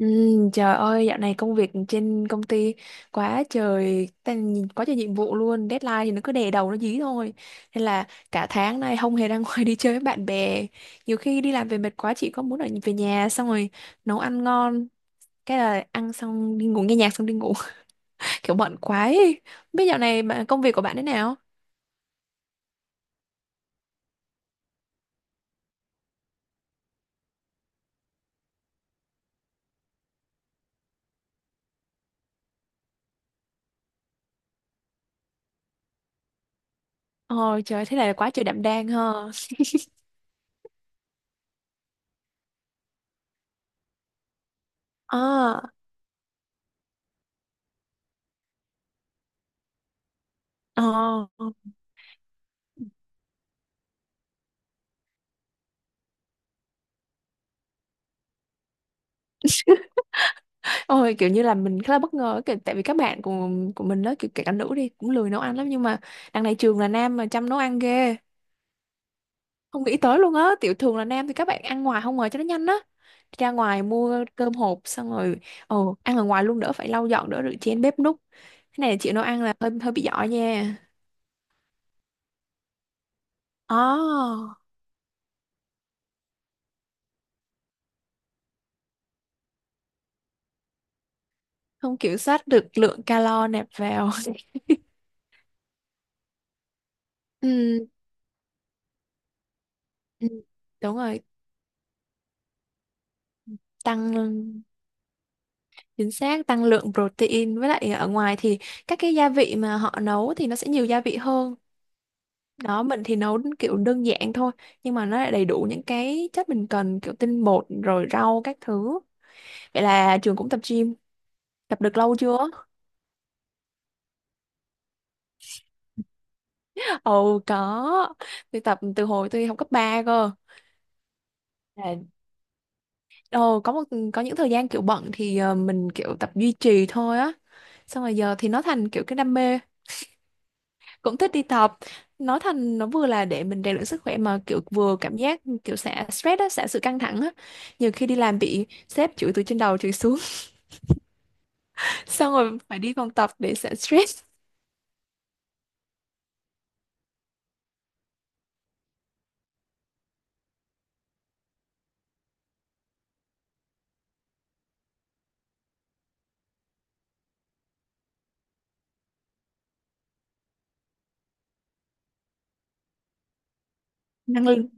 Ừ, trời ơi, dạo này công việc trên công ty quá trời, nhìn quá trời nhiệm vụ luôn, deadline thì nó cứ đè đầu nó dí thôi. Nên là cả tháng nay không hề ra ngoài đi chơi với bạn bè. Nhiều khi đi làm về mệt quá chị có muốn ở về nhà xong rồi nấu ăn ngon, cái là ăn xong đi ngủ nghe nhạc xong đi ngủ, kiểu bận quá ấy. Không biết dạo này công việc của bạn thế nào? Ôi trời, thế này là quá trời đảm đang ha. Ờ, ờ. Ôi kiểu như là mình khá là bất ngờ kiểu, tại vì các bạn của mình đó kiểu kể cả nữ đi cũng lười nấu ăn lắm, nhưng mà đằng này trường là nam mà chăm nấu ăn ghê, không nghĩ tới luôn á, tiểu thường là nam thì các bạn ăn ngoài không ngờ cho nó nhanh á, ra ngoài mua cơm hộp xong rồi ồ ăn ở ngoài luôn, đỡ phải lau dọn đỡ rửa chén bếp núc, cái này là chịu nấu ăn là hơi hơi bị giỏi nha. Ồ, không kiểm soát được lượng calo nạp vào. Ừ, ừ, đúng rồi, tăng, chính xác, tăng lượng protein. Với lại ở ngoài thì các cái gia vị mà họ nấu thì nó sẽ nhiều gia vị hơn. Đó mình thì nấu kiểu đơn giản thôi, nhưng mà nó lại đầy đủ những cái chất mình cần, kiểu tinh bột rồi rau các thứ. Vậy là trường cũng tập gym, tập được lâu chưa? Ồ có, tôi tập từ hồi tôi học cấp 3 cơ. Là ồ có những thời gian kiểu bận thì mình kiểu tập duy trì thôi á. Xong rồi giờ thì nó thành kiểu cái đam mê, cũng thích đi tập. Nói thành nó vừa là để mình rèn luyện sức khỏe mà kiểu vừa cảm giác kiểu xả stress á, xả sự căng thẳng á. Nhiều khi đi làm bị sếp chửi từ trên đầu chửi xuống, xong rồi phải đi phòng tập để xả stress. Năng lượng,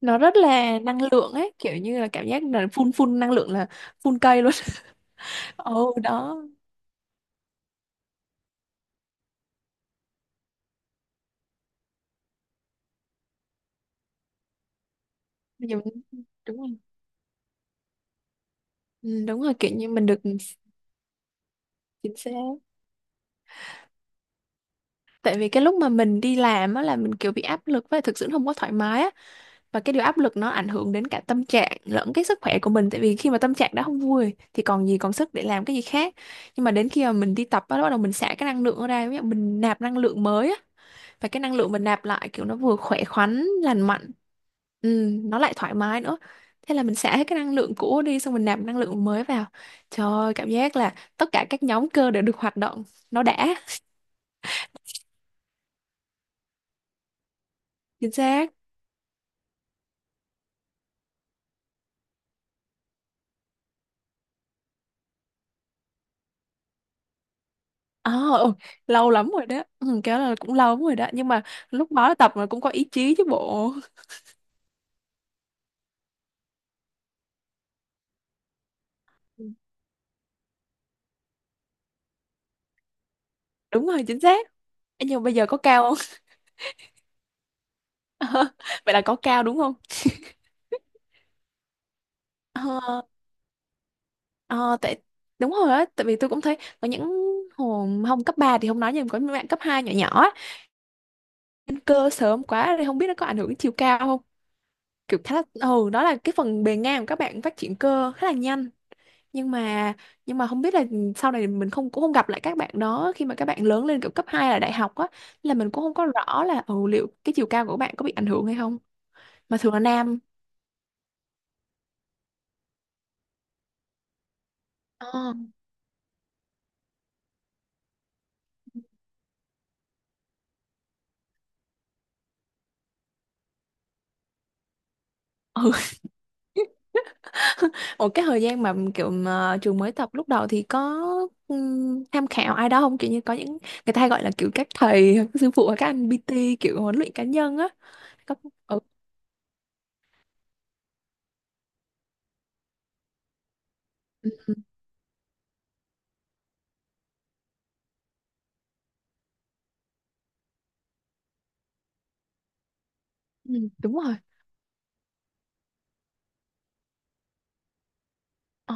nó rất là năng lượng ấy, kiểu như là cảm giác là phun phun năng lượng là phun cây luôn. Ồ đó, Nhiều- đúng rồi, ừ, đúng rồi, kiểu như mình được, chính xác. Tại vì cái lúc mà mình đi làm á là mình kiểu bị áp lực và thực sự không có thoải mái á, và cái điều áp lực nó ảnh hưởng đến cả tâm trạng lẫn cái sức khỏe của mình, tại vì khi mà tâm trạng đã không vui thì còn gì còn sức để làm cái gì khác. Nhưng mà đến khi mà mình đi tập á, bắt đầu mình xả cái năng lượng ra, ví dụ mình nạp năng lượng mới á, và cái năng lượng mình nạp lại kiểu nó vừa khỏe khoắn, lành mạnh, ừ, nó lại thoải mái nữa. Thế là mình xả hết cái năng lượng cũ đi xong mình nạp năng lượng mới vào, trời ơi cảm giác là tất cả các nhóm cơ đều được hoạt động, nó đã, chính xác. À, ừ, lâu lắm rồi đó, ừ, kéo là cũng lâu lắm rồi đó, nhưng mà lúc đó tập mà cũng có ý chí chứ bộ. Ừ, đúng rồi, chính xác. Ê, nhưng mà bây giờ có cao không? Vậy là có cao đúng không? Ờ, ờ, tại đúng rồi á, tại vì tôi cũng thấy có những hồi không cấp 3 thì không nói, nhưng mà có những bạn cấp 2 nhỏ nhỏ á, lên cơ sớm quá thì không biết nó có ảnh hưởng đến chiều cao không, kiểu khá là, ừ đó là cái phần bề ngang của các bạn phát triển cơ khá là nhanh, nhưng mà không biết là ừ, sau này mình không cũng không gặp lại các bạn đó khi mà các bạn lớn lên kiểu cấp 2 là đại học á, là mình cũng không có rõ là ừ, liệu cái chiều cao của các bạn có bị ảnh hưởng hay không, mà thường là nam. Ờ. Ừ. Ủa cái thời gian mà kiểu mà trường mới tập lúc đầu thì có tham khảo ai đó không, kiểu như có những người ta hay gọi là kiểu các thầy các sư phụ hoặc các anh PT, kiểu huấn luyện cá nhân á? Có, ừ. Ừ. Ừ, ừ, đúng rồi, ờ,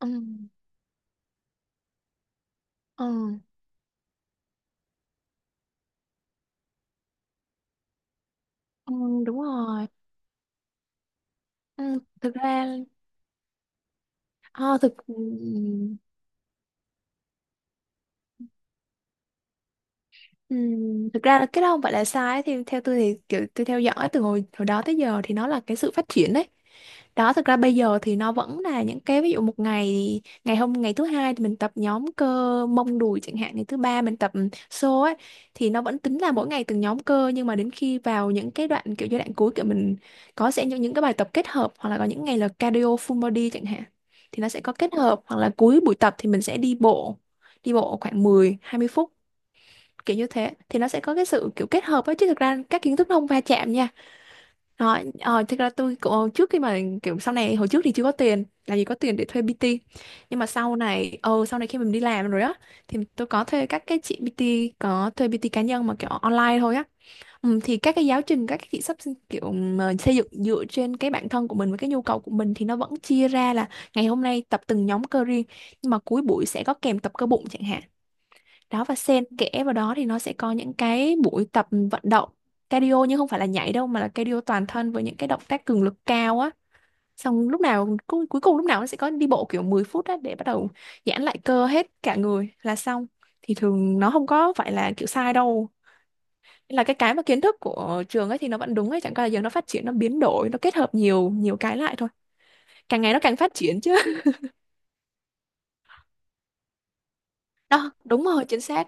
ừ. Ừ. Ừ, đúng rồi. Ừ, thực ra Ho, thực ừ, ừm, thực ra là cái đó không phải là sai ấy. Thì theo tôi thì kiểu tôi theo dõi từ hồi hồi đó tới giờ thì nó là cái sự phát triển đấy. Đó thực ra bây giờ thì nó vẫn là những cái, ví dụ một ngày, ngày hôm ngày thứ hai thì mình tập nhóm cơ mông đùi chẳng hạn, ngày thứ ba mình tập xô ấy, thì nó vẫn tính là mỗi ngày từng nhóm cơ, nhưng mà đến khi vào những cái đoạn kiểu giai đoạn cuối kiểu mình có sẽ những cái bài tập kết hợp, hoặc là có những ngày là cardio full body chẳng hạn, thì nó sẽ có kết hợp, hoặc là cuối buổi tập thì mình sẽ đi bộ, đi bộ khoảng mười hai mươi phút, kiểu như thế thì nó sẽ có cái sự kiểu kết hợp ấy, chứ thực ra các kiến thức nó không va chạm nha. Rồi ờ, thực ra tôi cũng trước khi mà kiểu sau này, hồi trước thì chưa có tiền, làm gì có tiền để thuê PT, nhưng mà sau này sau này khi mình đi làm rồi á, thì tôi có thuê các cái chị PT, có thuê PT cá nhân mà kiểu online thôi á. Ừ, thì các cái giáo trình các cái chị sắp, kiểu mà xây dựng dựa trên cái bản thân của mình với cái nhu cầu của mình, thì nó vẫn chia ra là ngày hôm nay tập từng nhóm cơ riêng, nhưng mà cuối buổi sẽ có kèm tập cơ bụng chẳng hạn. Đó và xen kẽ vào đó thì nó sẽ có những cái buổi tập vận động cardio, nhưng không phải là nhảy đâu, mà là cardio toàn thân với những cái động tác cường lực cao á, xong lúc nào cuối cùng lúc nào nó sẽ có đi bộ kiểu 10 phút á để bắt đầu giãn lại cơ hết cả người là xong, thì thường nó không có phải là kiểu sai đâu. Nên là cái mà kiến thức của trường ấy thì nó vẫn đúng ấy, chẳng qua là giờ nó phát triển nó biến đổi nó kết hợp nhiều nhiều cái lại thôi, càng ngày nó càng phát triển chứ. Đó đúng rồi, chính xác.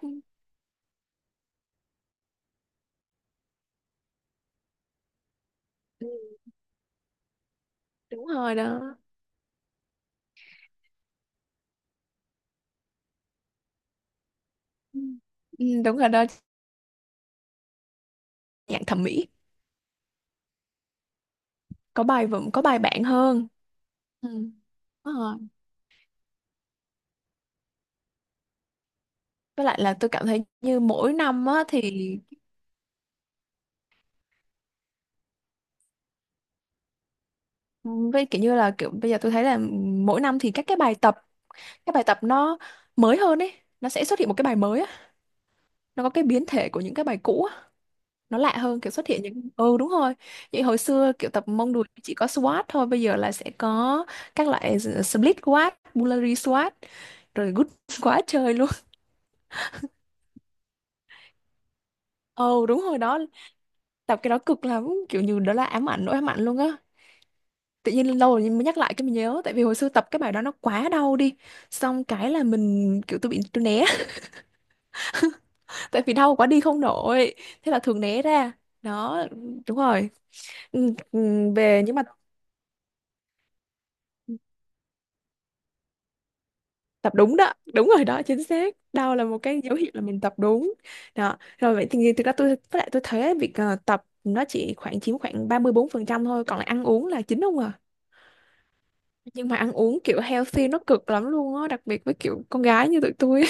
Ừ, đúng rồi đó. Ừ, ừ, đúng rồi đó, dạng thẩm mỹ có bài vựng, có bài bản hơn. Ừ. Đúng rồi. Với lại là tôi cảm thấy như mỗi năm á thì, với kiểu như là kiểu bây giờ tôi thấy là mỗi năm thì các cái bài tập, các bài tập nó mới hơn ấy, nó sẽ xuất hiện một cái bài mới á, nó có cái biến thể của những cái bài cũ á, nó lạ hơn, kiểu xuất hiện những, ừ đúng rồi. Vậy hồi xưa kiểu tập mông đùi chỉ có squat thôi, bây giờ là sẽ có các loại split squat, Bulgarian squat, rồi good squat chơi luôn. Ừ đúng rồi đó, tập cái đó cực lắm, kiểu như đó là ám ảnh, nỗi ám ảnh luôn á. Tự nhiên lâu rồi mới nhắc lại cái mình nhớ, tại vì hồi xưa tập cái bài đó nó quá đau đi, xong cái là mình kiểu tôi bị tôi né, tại vì đau quá đi không nổi, thế là thường né ra. Đó đúng rồi. Ừ, ừ, về nhưng mà tập đúng đó, đúng rồi đó, chính xác, đau là một cái dấu hiệu là mình tập đúng. Đó rồi vậy thì thực ra tôi với lại tôi thấy việc tập nó chỉ khoảng chiếm khoảng 34% thôi, còn lại ăn uống là chính không à. Nhưng mà ăn uống kiểu healthy nó cực lắm luôn á, đặc biệt với kiểu con gái như tụi tôi.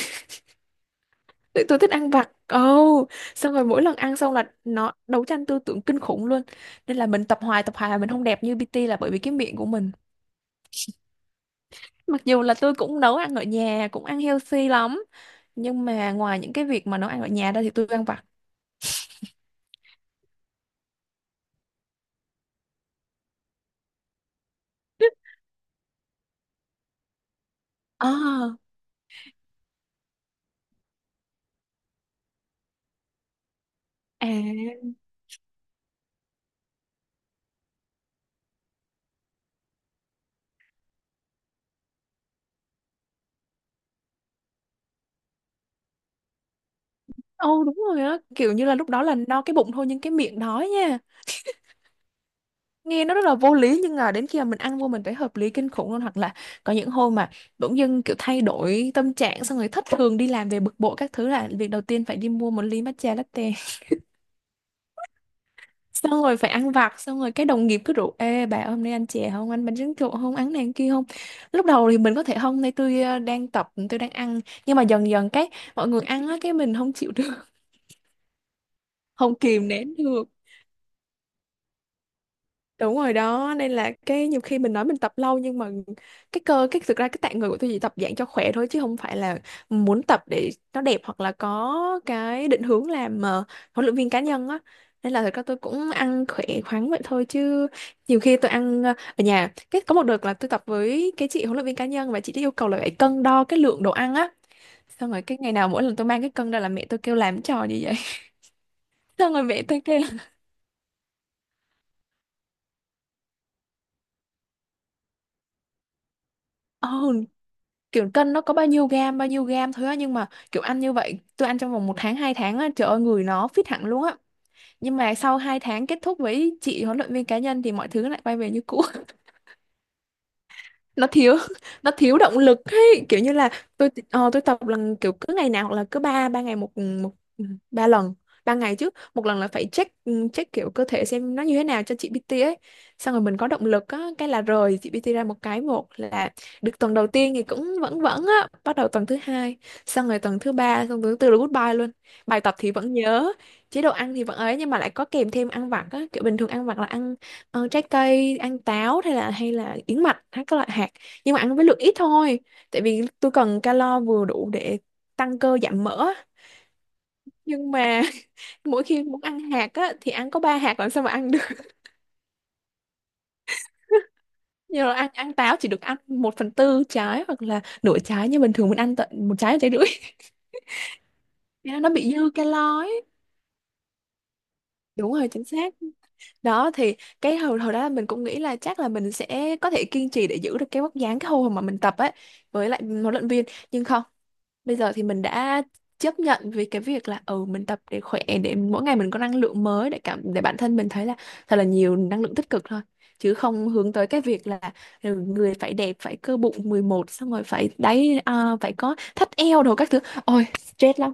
Tụi tôi thích ăn vặt, ồ xong rồi mỗi lần ăn xong là nó đấu tranh tư tưởng kinh khủng luôn. Nên là mình tập hoài là mình không đẹp như PT là bởi vì cái miệng của mình, mặc dù là tôi cũng nấu ăn ở nhà cũng ăn healthy lắm, nhưng mà ngoài những cái việc mà nấu ăn ở nhà ra thì tôi ăn vặt. À, à, ồ đúng rồi á, kiểu như là lúc đó là no cái bụng thôi nhưng cái miệng đói nha. Nghe nó rất là vô lý nhưng mà đến khi mà mình ăn vô mình thấy hợp lý kinh khủng luôn. Hoặc là có những hôm mà bỗng dưng kiểu thay đổi tâm trạng xong rồi thất thường, đi làm về bực bội các thứ là việc đầu tiên phải đi mua một ly matcha latte, xong rồi phải ăn vặt. Xong rồi đồng nghiệp cứ rủ: "Ê bà, hôm nay ăn chè không, ăn bánh tráng trộn không, ăn này ăn kia không?" Lúc đầu thì mình có thể không, nay tôi đang tập, tôi đang ăn. Nhưng mà dần dần mọi người ăn á, mình không chịu được. Không kìm nén được. Đúng rồi đó, nên là nhiều khi mình nói mình tập lâu nhưng mà cái cơ cái thực ra cái tạng người của tôi chỉ tập dạng cho khỏe thôi chứ không phải là muốn tập để nó đẹp, hoặc là có cái định hướng làm huấn luyện viên cá nhân á. Nên là thật ra tôi cũng ăn khỏe khoắn vậy thôi, chứ nhiều khi tôi ăn ở nhà. Cái có một đợt là tôi tập với cái chị huấn luyện viên cá nhân, và chị ấy yêu cầu là phải cân đo cái lượng đồ ăn á. Xong rồi ngày nào mỗi lần tôi mang cái cân ra là mẹ tôi kêu làm cái trò gì vậy. Xong rồi mẹ tôi kêu là "Ồ, kiểu cân nó có bao nhiêu gam thôi á." Nhưng mà kiểu ăn như vậy, tôi ăn trong vòng một tháng hai tháng á, trời ơi người nó fit hẳn luôn á. Nhưng mà sau hai tháng kết thúc với chị huấn luyện viên cá nhân thì mọi thứ lại quay về như cũ. Nó thiếu nó thiếu động lực ấy, kiểu như là tôi tôi tập lần kiểu cứ ngày nào, hoặc là cứ ba ba ngày một một ba lần ba ngày chứ một lần là phải check, check kiểu cơ thể xem nó như thế nào cho chị PT ấy, xong rồi mình có động lực á. Cái là rời chị PT ra một cái, một là được tuần đầu tiên thì cũng vẫn vẫn á, bắt đầu tuần thứ hai, xong rồi tuần thứ ba, xong tuần thứ tư là goodbye luôn. Bài tập thì vẫn nhớ, chế độ ăn thì vẫn ấy, nhưng mà lại có kèm thêm ăn vặt á. Kiểu bình thường ăn vặt là ăn trái cây, ăn táo, hay là yến mạch, hay các loại hạt, nhưng mà ăn với lượng ít thôi. Tại vì tôi cần calo vừa đủ để tăng cơ giảm mỡ á. Nhưng mà mỗi khi muốn ăn hạt á thì ăn có ba hạt làm sao mà ăn được. Nhưng mà ăn ăn táo chỉ được ăn một phần tư trái hoặc là nửa trái, như bình thường mình ăn tận một trái, một trái rưỡi. Thế nên nó bị dư calo ấy. Đúng rồi, chính xác. Đó thì cái hồi hồi đó là mình cũng nghĩ là chắc là mình sẽ có thể kiên trì để giữ được cái vóc dáng cái hồi mà mình tập ấy, với lại huấn luyện viên. Nhưng không, bây giờ thì mình đã chấp nhận với cái việc là, ừ, mình tập để khỏe, để mỗi ngày mình có năng lượng mới, để cảm để bản thân mình thấy là thật là nhiều năng lượng tích cực thôi, chứ không hướng tới cái việc là, ừ, người phải đẹp, phải cơ bụng 11, xong rồi phải đáy à, phải có thắt eo đồ các thứ. Ôi stress lắm.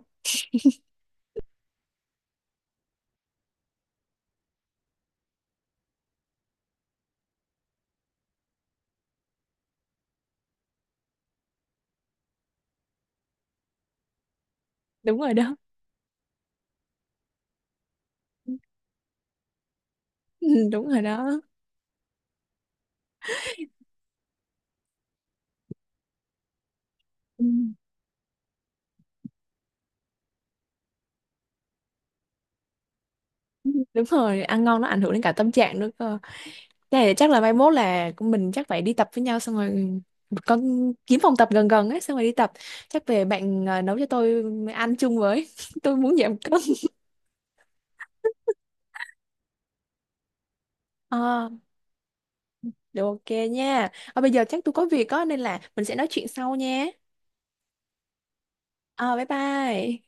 Đúng rồi đó. Ừ, đúng rồi đó. Ừ. Đúng rồi, ăn ngon nó ảnh hưởng đến cả tâm trạng nữa cơ. Thế là chắc là mai mốt là mình chắc phải đi tập với nhau, xong rồi con kiếm phòng tập gần gần ấy xong rồi đi tập, chắc về bạn nấu cho tôi ăn chung với. Tôi muốn giảm cân. Ờ, được, ok nha. Ờ, bây giờ chắc tôi có việc á nên là mình sẽ nói chuyện sau nha. Ờ, bye bye.